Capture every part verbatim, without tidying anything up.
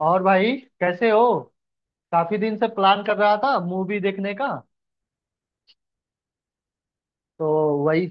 और भाई कैसे हो। काफी दिन से प्लान कर रहा था मूवी देखने का। तो वही।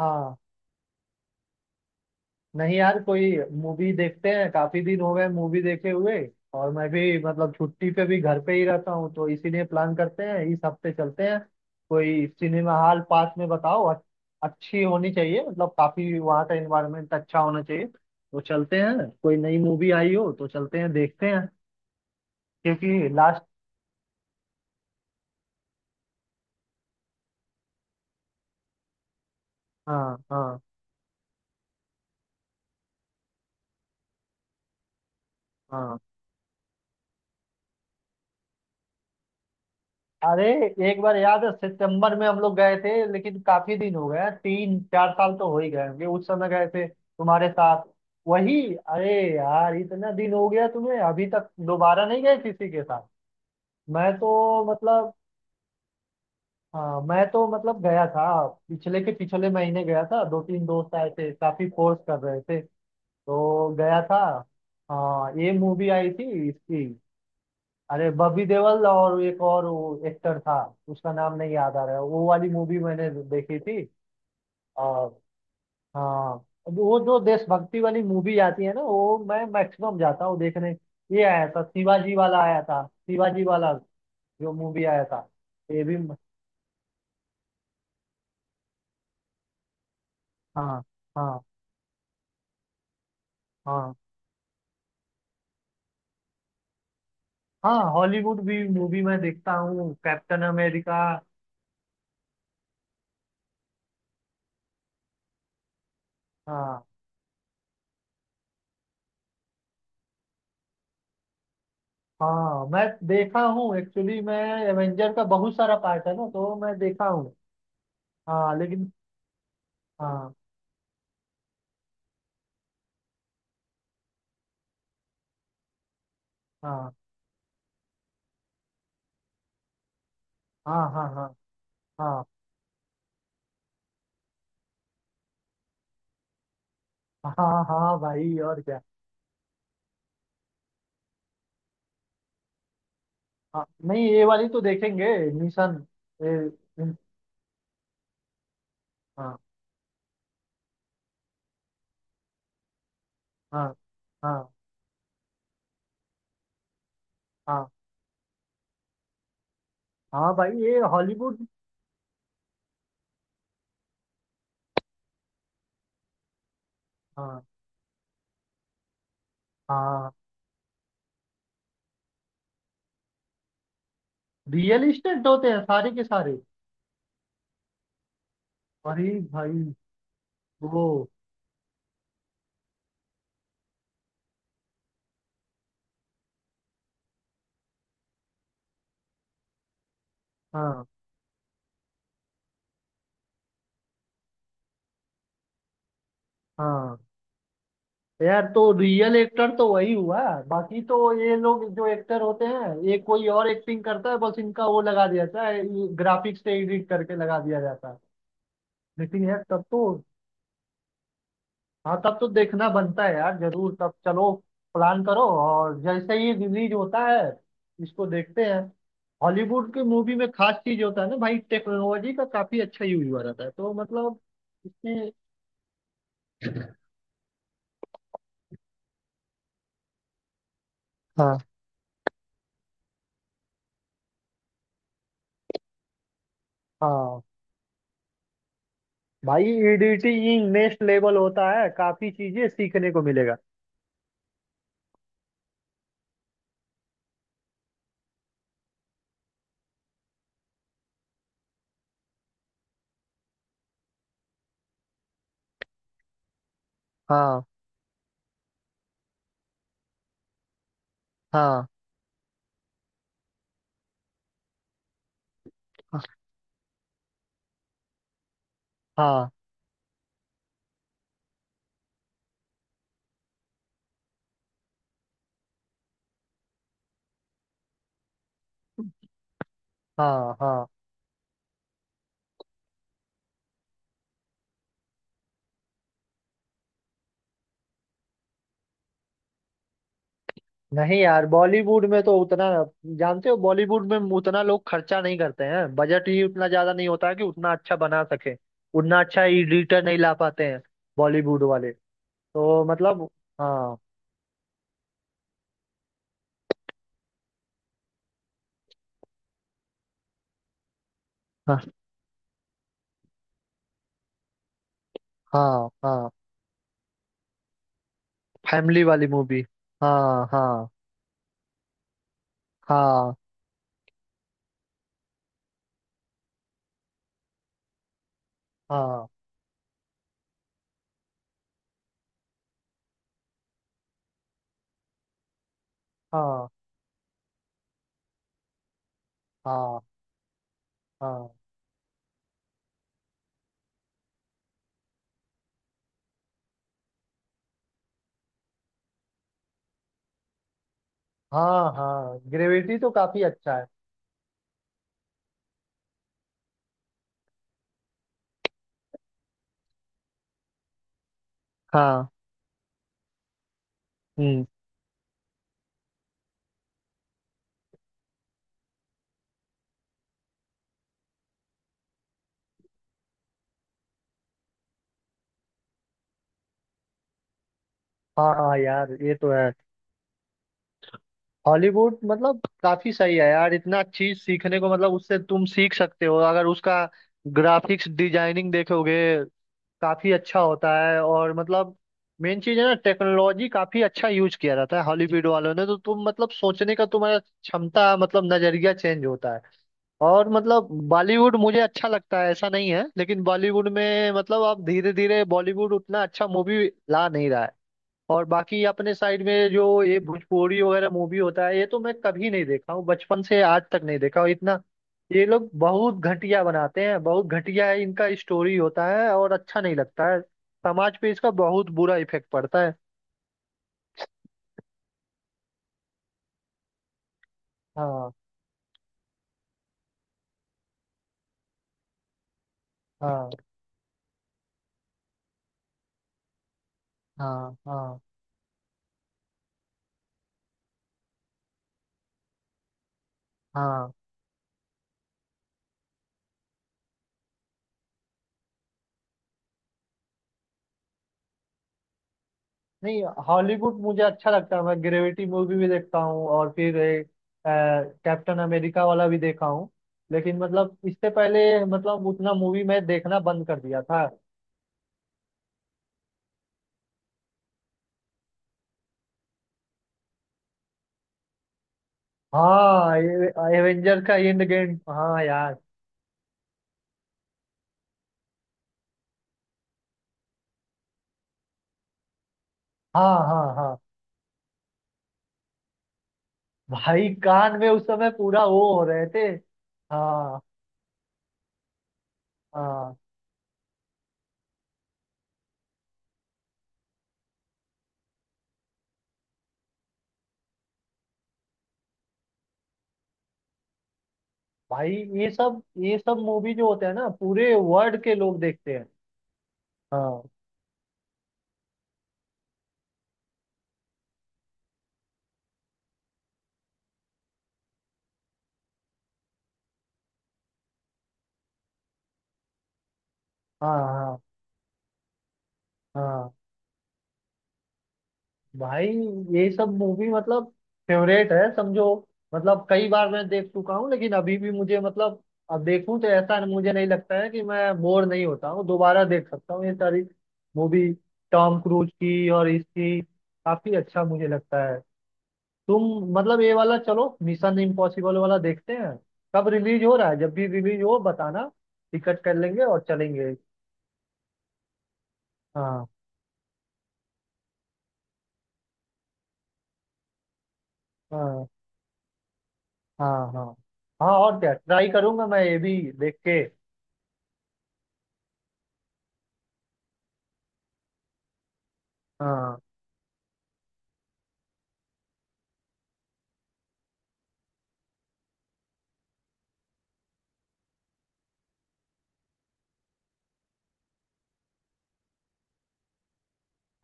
हाँ, नहीं यार कोई मूवी देखते हैं, काफी दिन हो गए मूवी देखे हुए। और मैं भी मतलब छुट्टी पे भी घर पे ही रहता हूँ, तो इसीलिए प्लान करते हैं इस हफ्ते चलते हैं। कोई सिनेमा हॉल पास में बताओ अ- अच्छी होनी चाहिए, मतलब काफी वहाँ का एनवायरनमेंट अच्छा होना चाहिए, तो चलते हैं, कोई नई मूवी आई हो तो चलते हैं देखते हैं क्योंकि लास्ट। हाँ हाँ हाँ। अरे एक बार याद है सितंबर में हम लोग गए थे, लेकिन काफी दिन हो गए हैं, तीन चार साल तो हो ही गए होंगे, उस समय गए थे तुम्हारे साथ। वही, अरे यार इतना दिन हो गया, तुम्हें अभी तक दोबारा नहीं गए किसी के साथ। मैं तो मतलब हाँ मैं तो मतलब गया था। पिछले के पिछले महीने गया था, दो तीन दोस्त आए थे, काफी फोर्स कर रहे थे, तो गया था। हाँ ये मूवी आई थी इसकी, अरे बॉबी देओल और एक और वो एक्टर था, उसका नाम नहीं याद आ रहा है, वो वाली मूवी मैंने देखी थी। और हाँ, अब वो जो देशभक्ति वाली मूवी आती है ना, वो मैं मैक्सिमम जाता हूँ देखने। ये आया था शिवाजी वाला आया था, शिवाजी वाला जो मूवी आया था। ये भी म- हाँ हाँ हाँ। हाँ हॉलीवुड भी मूवी मैं देखता हूँ, कैप्टन अमेरिका। हाँ हाँ मैं देखा हूँ, एक्चुअली मैं एवेंजर का बहुत सारा पार्ट है ना, तो मैं देखा हूँ। हाँ लेकिन। हाँ हाँ हाँ हाँ हाँ हाँ। हाँ हाँ भाई और क्या। हाँ नहीं ये वाली तो देखेंगे। मिशन ये इन- हाँ हाँ हाँ। हाँ हाँ भाई ये हॉलीवुड। हाँ हाँ। रियल इस्टेट होते हैं सारे के सारे। अरे भाई। वो हाँ हाँ। यार तो रियल एक्टर तो वही हुआ, बाकी तो ये लोग जो एक्टर होते हैं ये कोई और एक्टिंग करता है, बस इनका वो लगा दिया जाता है, ग्राफिक्स से एडिट करके लगा दिया जाता है। लेकिन यार तब तो। हाँ तब तो देखना बनता है यार, जरूर तब चलो, प्लान करो और जैसे ही रिलीज होता है इसको देखते हैं। हॉलीवुड की मूवी में खास चीज होता है ना भाई, टेक्नोलॉजी का काफी अच्छा यूज हुआ रहता है, तो मतलब इसमें। हाँ हाँ भाई, एडिटिंग नेक्स्ट लेवल होता है, काफी चीजें सीखने को मिलेगा। हाँ हाँ हाँ हाँ। हाँ नहीं यार बॉलीवुड में तो उतना, जानते हो बॉलीवुड में उतना लोग खर्चा नहीं करते हैं, बजट ही उतना ज्यादा नहीं होता है कि उतना अच्छा बना सके, उतना अच्छा एडिटर नहीं ला पाते हैं बॉलीवुड वाले, तो मतलब। हाँ हाँ हाँ हाँ। फैमिली वाली मूवी। हाँ हाँ हाँ हाँ हाँ हाँ हाँ हाँ हाँ। ग्रेविटी तो काफी अच्छा है। हाँ। हम्म। हाँ हाँ यार ये तो है। हॉलीवुड मतलब काफी सही है यार, इतना चीज सीखने को मतलब, उससे तुम सीख सकते हो, अगर उसका ग्राफिक्स डिजाइनिंग देखोगे काफी अच्छा होता है। और मतलब मेन चीज है ना, टेक्नोलॉजी काफी अच्छा यूज किया जाता है हॉलीवुड वालों ने, तो तुम मतलब सोचने का तुम्हारा क्षमता, मतलब नजरिया चेंज होता है। और मतलब बॉलीवुड मुझे अच्छा लगता है ऐसा नहीं है, लेकिन बॉलीवुड में मतलब अब धीरे धीरे बॉलीवुड उतना अच्छा मूवी ला नहीं रहा है। और बाकी अपने साइड में जो ये भोजपुरी वगैरह मूवी होता है ये तो मैं कभी नहीं देखा हूँ, बचपन से आज तक नहीं देखा हूँ इतना। ये लोग बहुत घटिया बनाते हैं, बहुत घटिया है इनका स्टोरी होता है और अच्छा नहीं लगता है, समाज पे इसका बहुत बुरा इफेक्ट पड़ता है। हाँ हाँ हाँ हाँ हाँ। नहीं हॉलीवुड मुझे अच्छा लगता है, मैं ग्रेविटी मूवी भी देखता हूँ और फिर ए, कैप्टन अमेरिका वाला भी देखा हूँ, लेकिन मतलब इससे पहले मतलब उतना मूवी मैं देखना बंद कर दिया था। हाँ ये एवेंजर का एंड गेम, हाँ यार। हाँ हाँ हाँ। भाई कान में उस समय पूरा वो हो रहे थे। हाँ हाँ। भाई ये सब, ये सब मूवी जो होते हैं ना पूरे वर्ल्ड के लोग देखते हैं। हाँ हाँ हाँ हाँ। भाई ये सब मूवी मतलब फेवरेट है समझो, मतलब कई बार मैं देख चुका हूँ, लेकिन अभी भी मुझे मतलब अब देखूं तो ऐसा मुझे नहीं लगता है कि मैं बोर नहीं होता हूँ, दोबारा देख सकता हूँ ये सारी मूवी टॉम क्रूज की और इसकी, काफी अच्छा मुझे लगता है। तुम मतलब ये वाला चलो मिशन इम्पॉसिबल वाला देखते हैं, कब रिलीज हो रहा है जब भी रिलीज हो बताना, टिकट कर लेंगे और चलेंगे। हाँ हाँ हाँ हाँ हाँ। और क्या, ट्राई करूंगा मैं ये भी देख के। हाँ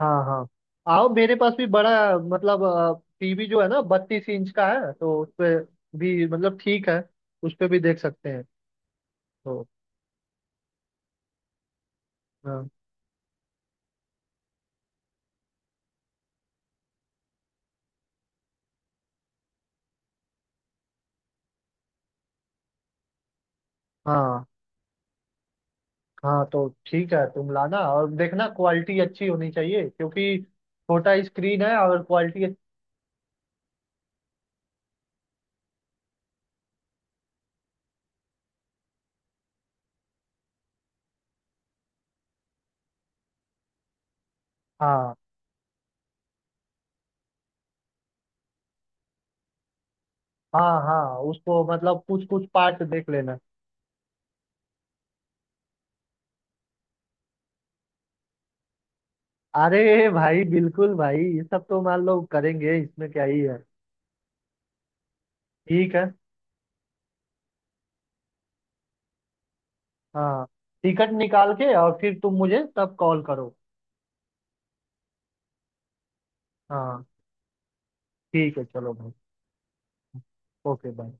हाँ हाँ। आओ मेरे पास भी बड़ा, मतलब टीवी जो है ना बत्तीस इंच का है, तो उस पे भी मतलब ठीक है उस पे भी देख सकते हैं तो। हाँ हाँ। हाँ, तो ठीक है तुम लाना और देखना क्वालिटी अच्छी होनी चाहिए क्योंकि छोटा स्क्रीन है और क्वालिटी। हाँ हाँ हाँ। उसको मतलब कुछ कुछ पार्ट देख लेना। अरे भाई बिल्कुल भाई ये सब तो मान लो करेंगे, इसमें क्या ही है। ठीक है। हाँ टिकट निकाल के और फिर तुम मुझे तब कॉल करो। हाँ ठीक है चलो भाई। Okay bye.